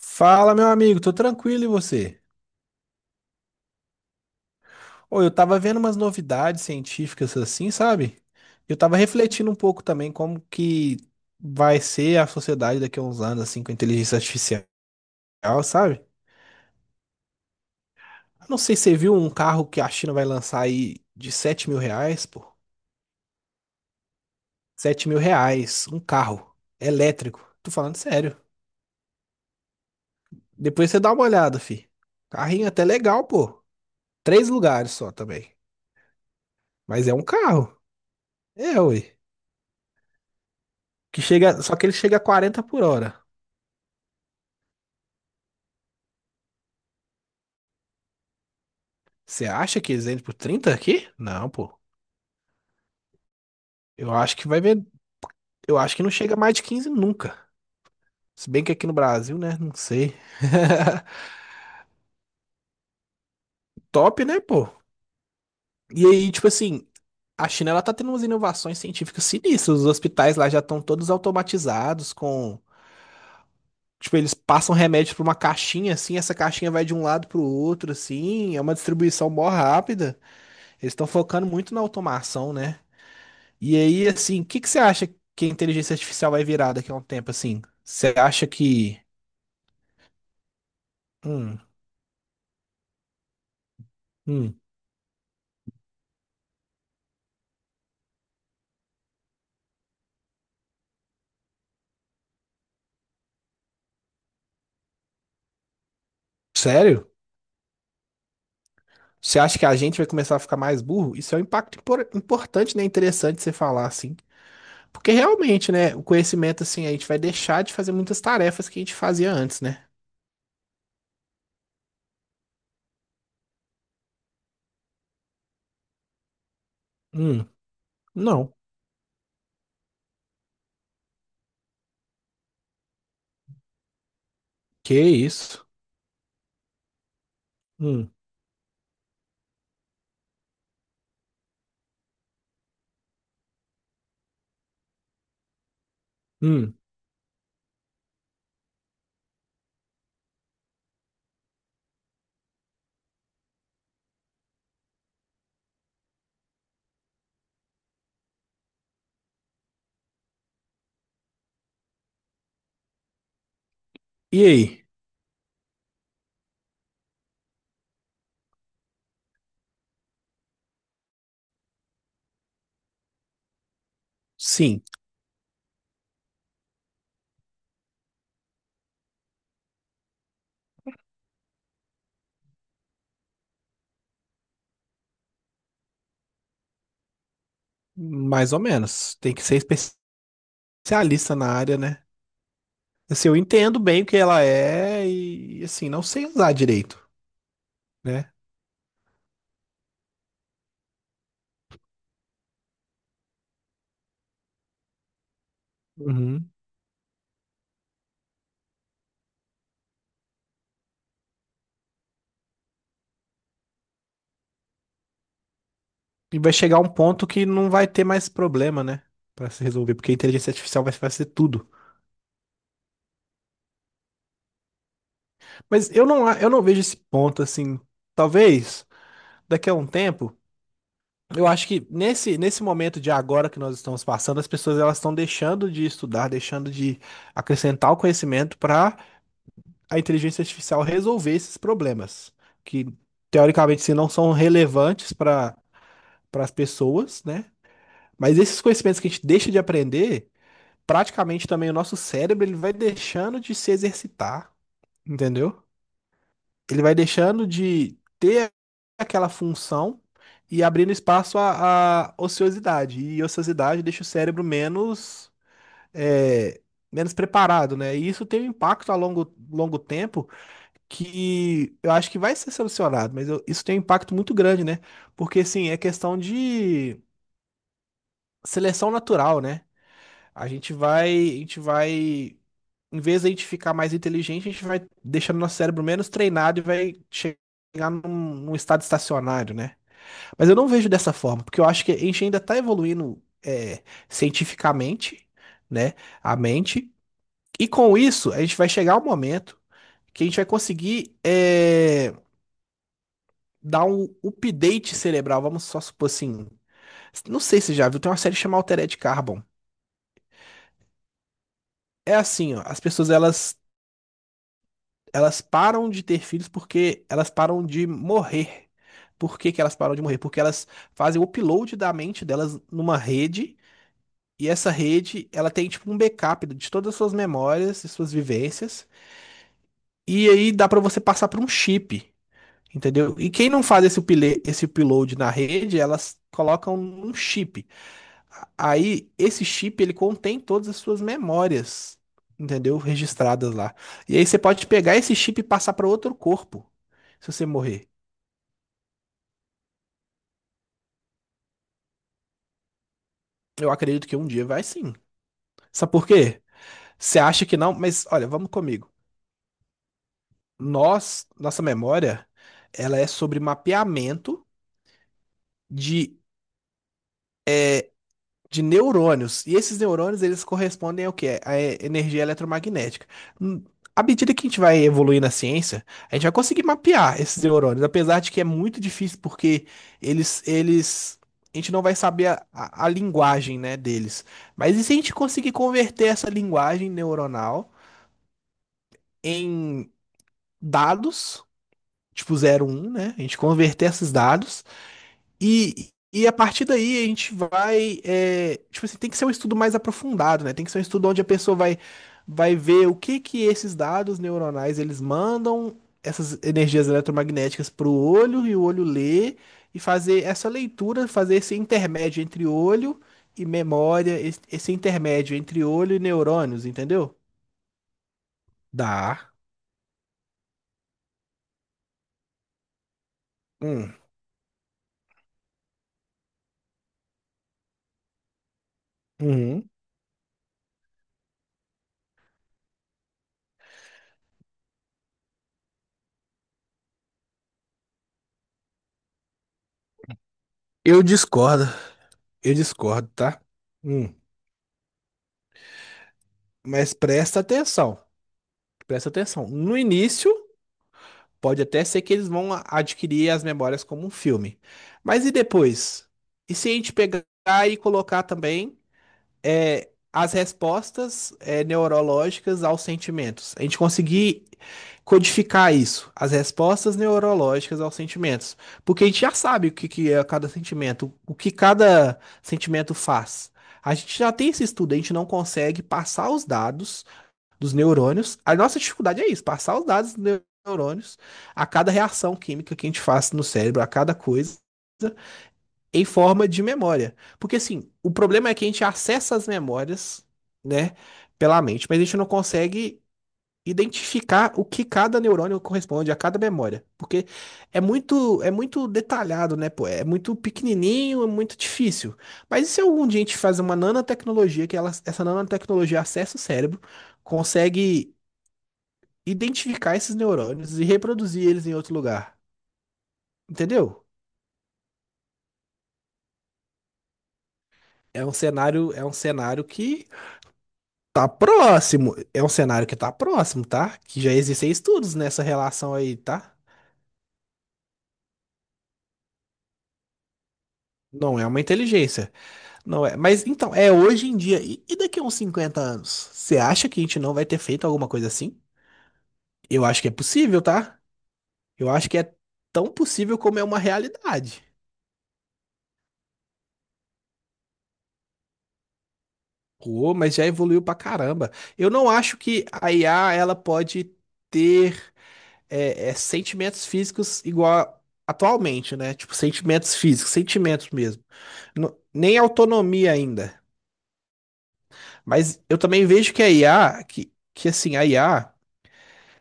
Fala, meu amigo, tô tranquilo e você? Ô, eu tava vendo umas novidades científicas assim, sabe? Eu tava refletindo um pouco também como que vai ser a sociedade daqui a uns anos assim com inteligência artificial, sabe? Não sei se você viu um carro que a China vai lançar aí de R$ 7.000, pô. 7 mil reais, um carro elétrico. Tô falando sério. Depois você dá uma olhada, fi. Carrinho até legal, pô. 3 lugares só também. Mas é um carro. É, ui. Que chega, só que ele chega a 40 por hora. Você acha que eles entram por 30 aqui? Não, pô. Eu acho que vai ver. Eu acho que não chega mais de 15 nunca. Se bem que aqui no Brasil, né? Não sei. Top, né, pô? E aí, tipo assim, a China ela tá tendo umas inovações científicas sinistras. Os hospitais lá já estão todos automatizados com. Tipo, eles passam remédio pra uma caixinha, assim, essa caixinha vai de um lado pro outro, assim, é uma distribuição mó rápida. Eles estão focando muito na automação, né? E aí, assim, o que que você acha que a inteligência artificial vai virar daqui a um tempo, assim? Você acha que. Hum, hum, sério? Você acha que a gente vai começar a ficar mais burro? Isso é um impacto importante, né? Interessante você falar, assim. Porque realmente, né? O conhecimento, assim, a gente vai deixar de fazer muitas tarefas que a gente fazia antes, né? Hum, não. Que isso? Hum, hum. E aí? Sim, mais ou menos. Tem que ser especialista na área, né? Assim, eu entendo bem o que ela é e, assim, não sei usar direito, né? Uhum. E vai chegar um ponto que não vai ter mais problema, né? Pra se resolver, porque a inteligência artificial vai fazer tudo. Mas eu não, eu não vejo esse ponto, assim. Talvez daqui a um tempo, eu acho que nesse, nesse momento de agora que nós estamos passando, as pessoas elas estão deixando de estudar, deixando de acrescentar o conhecimento para a inteligência artificial resolver esses problemas, que teoricamente se não são relevantes para as pessoas, né? Mas esses conhecimentos que a gente deixa de aprender, praticamente também o nosso cérebro ele vai deixando de se exercitar, entendeu? Ele vai deixando de ter aquela função e abrindo espaço à, ociosidade. E ociosidade deixa o cérebro menos, é, menos preparado, né? E isso tem um impacto a longo, longo tempo que eu acho que vai ser solucionado, mas isso tem um impacto muito grande, né? Porque, assim, é questão de seleção natural, né? A gente vai, em vez de a gente ficar mais inteligente, a gente vai deixando nosso cérebro menos treinado e vai chegar num, num estado estacionário, né? Mas eu não vejo dessa forma, porque eu acho que a gente ainda está evoluindo cientificamente, né, a mente, e com isso a gente vai chegar um momento que a gente vai conseguir dar um update cerebral, vamos só supor assim, não sei se você já viu, tem uma série chamada Altered Carbon. É assim, ó, as pessoas elas param de ter filhos porque elas param de morrer. Por que que elas param de morrer? Porque elas fazem o upload da mente delas numa rede, e essa rede, ela tem tipo um backup de todas as suas memórias e suas vivências, e aí dá pra você passar por um chip, entendeu? E quem não faz esse upload na rede, elas colocam um chip. Aí, esse chip, ele contém todas as suas memórias, entendeu? Registradas lá. E aí você pode pegar esse chip e passar para outro corpo, se você morrer. Eu acredito que um dia vai sim. Sabe por quê? Você acha que não, mas olha, vamos comigo. Nós, nossa memória, ela é sobre mapeamento de neurônios. E esses neurônios, eles correspondem ao quê? À energia eletromagnética. Hum. À medida que a gente vai evoluir na ciência, a gente vai conseguir mapear esses neurônios, apesar de que é muito difícil porque eles, a gente não vai saber a, a linguagem, né, deles. Mas e se a gente conseguir converter essa linguagem neuronal em dados, tipo zero um né? A gente converter esses dados e a partir daí a gente vai. Tipo assim, tem que ser um estudo mais aprofundado, né? Tem que ser um estudo onde a pessoa vai, vai ver o que que esses dados neuronais eles mandam essas energias eletromagnéticas para o olho e o olho lê e fazer essa leitura, fazer esse intermédio entre olho e memória, esse intermédio entre olho e neurônios, entendeu? Dá. Hum. Uhum. Eu discordo. Eu discordo, tá? Hum. Mas presta atenção. Presta atenção. No início, pode até ser que eles vão adquirir as memórias como um filme. Mas e depois? E se a gente pegar e colocar também as respostas neurológicas aos sentimentos? A gente conseguir codificar isso, as respostas neurológicas aos sentimentos. Porque a gente já sabe que é cada sentimento, o que cada sentimento faz. A gente já tem esse estudo, a gente não consegue passar os dados dos neurônios. A nossa dificuldade é isso, passar os dados dos neurônios a cada reação química que a gente faz no cérebro, a cada coisa, em forma de memória. Porque assim, o problema é que a gente acessa as memórias, né, pela mente, mas a gente não consegue identificar o que cada neurônio corresponde a cada memória, porque é muito detalhado, né, pô? É muito pequenininho, é muito difícil. Mas e se algum dia a gente faz uma nanotecnologia que ela, essa nanotecnologia acessa o cérebro, consegue identificar esses neurônios e reproduzir eles em outro lugar. Entendeu? É um cenário que tá próximo. É um cenário que tá próximo, tá? Que já existem estudos nessa relação aí, tá? Não é uma inteligência. Não é. Mas então, é hoje em dia. E daqui a uns 50 anos? Você acha que a gente não vai ter feito alguma coisa assim? Eu acho que é possível, tá? Eu acho que é tão possível como é uma realidade. Pô, mas já evoluiu pra caramba. Eu não acho que a IA ela pode ter é sentimentos físicos igual atualmente, né? Tipo, sentimentos físicos, sentimentos mesmo. Nem autonomia ainda. Mas eu também vejo que a IA, que assim, a IA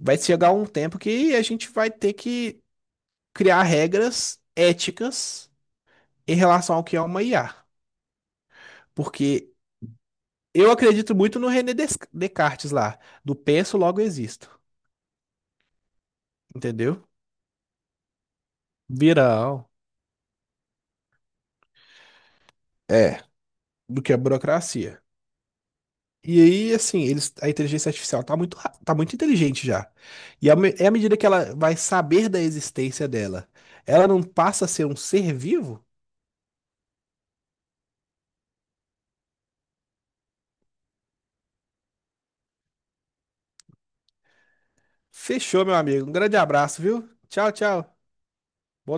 vai chegar um tempo que a gente vai ter que criar regras éticas em relação ao que é uma IA. Porque eu acredito muito no René Descartes lá, do penso, logo existo, entendeu? Viral. É, do que a burocracia. E aí, assim, eles, a inteligência artificial tá muito, tá muito inteligente já. E é à medida que ela vai saber da existência dela, ela não passa a ser um ser vivo? Fechou, meu amigo. Um grande abraço, viu? Tchau, tchau.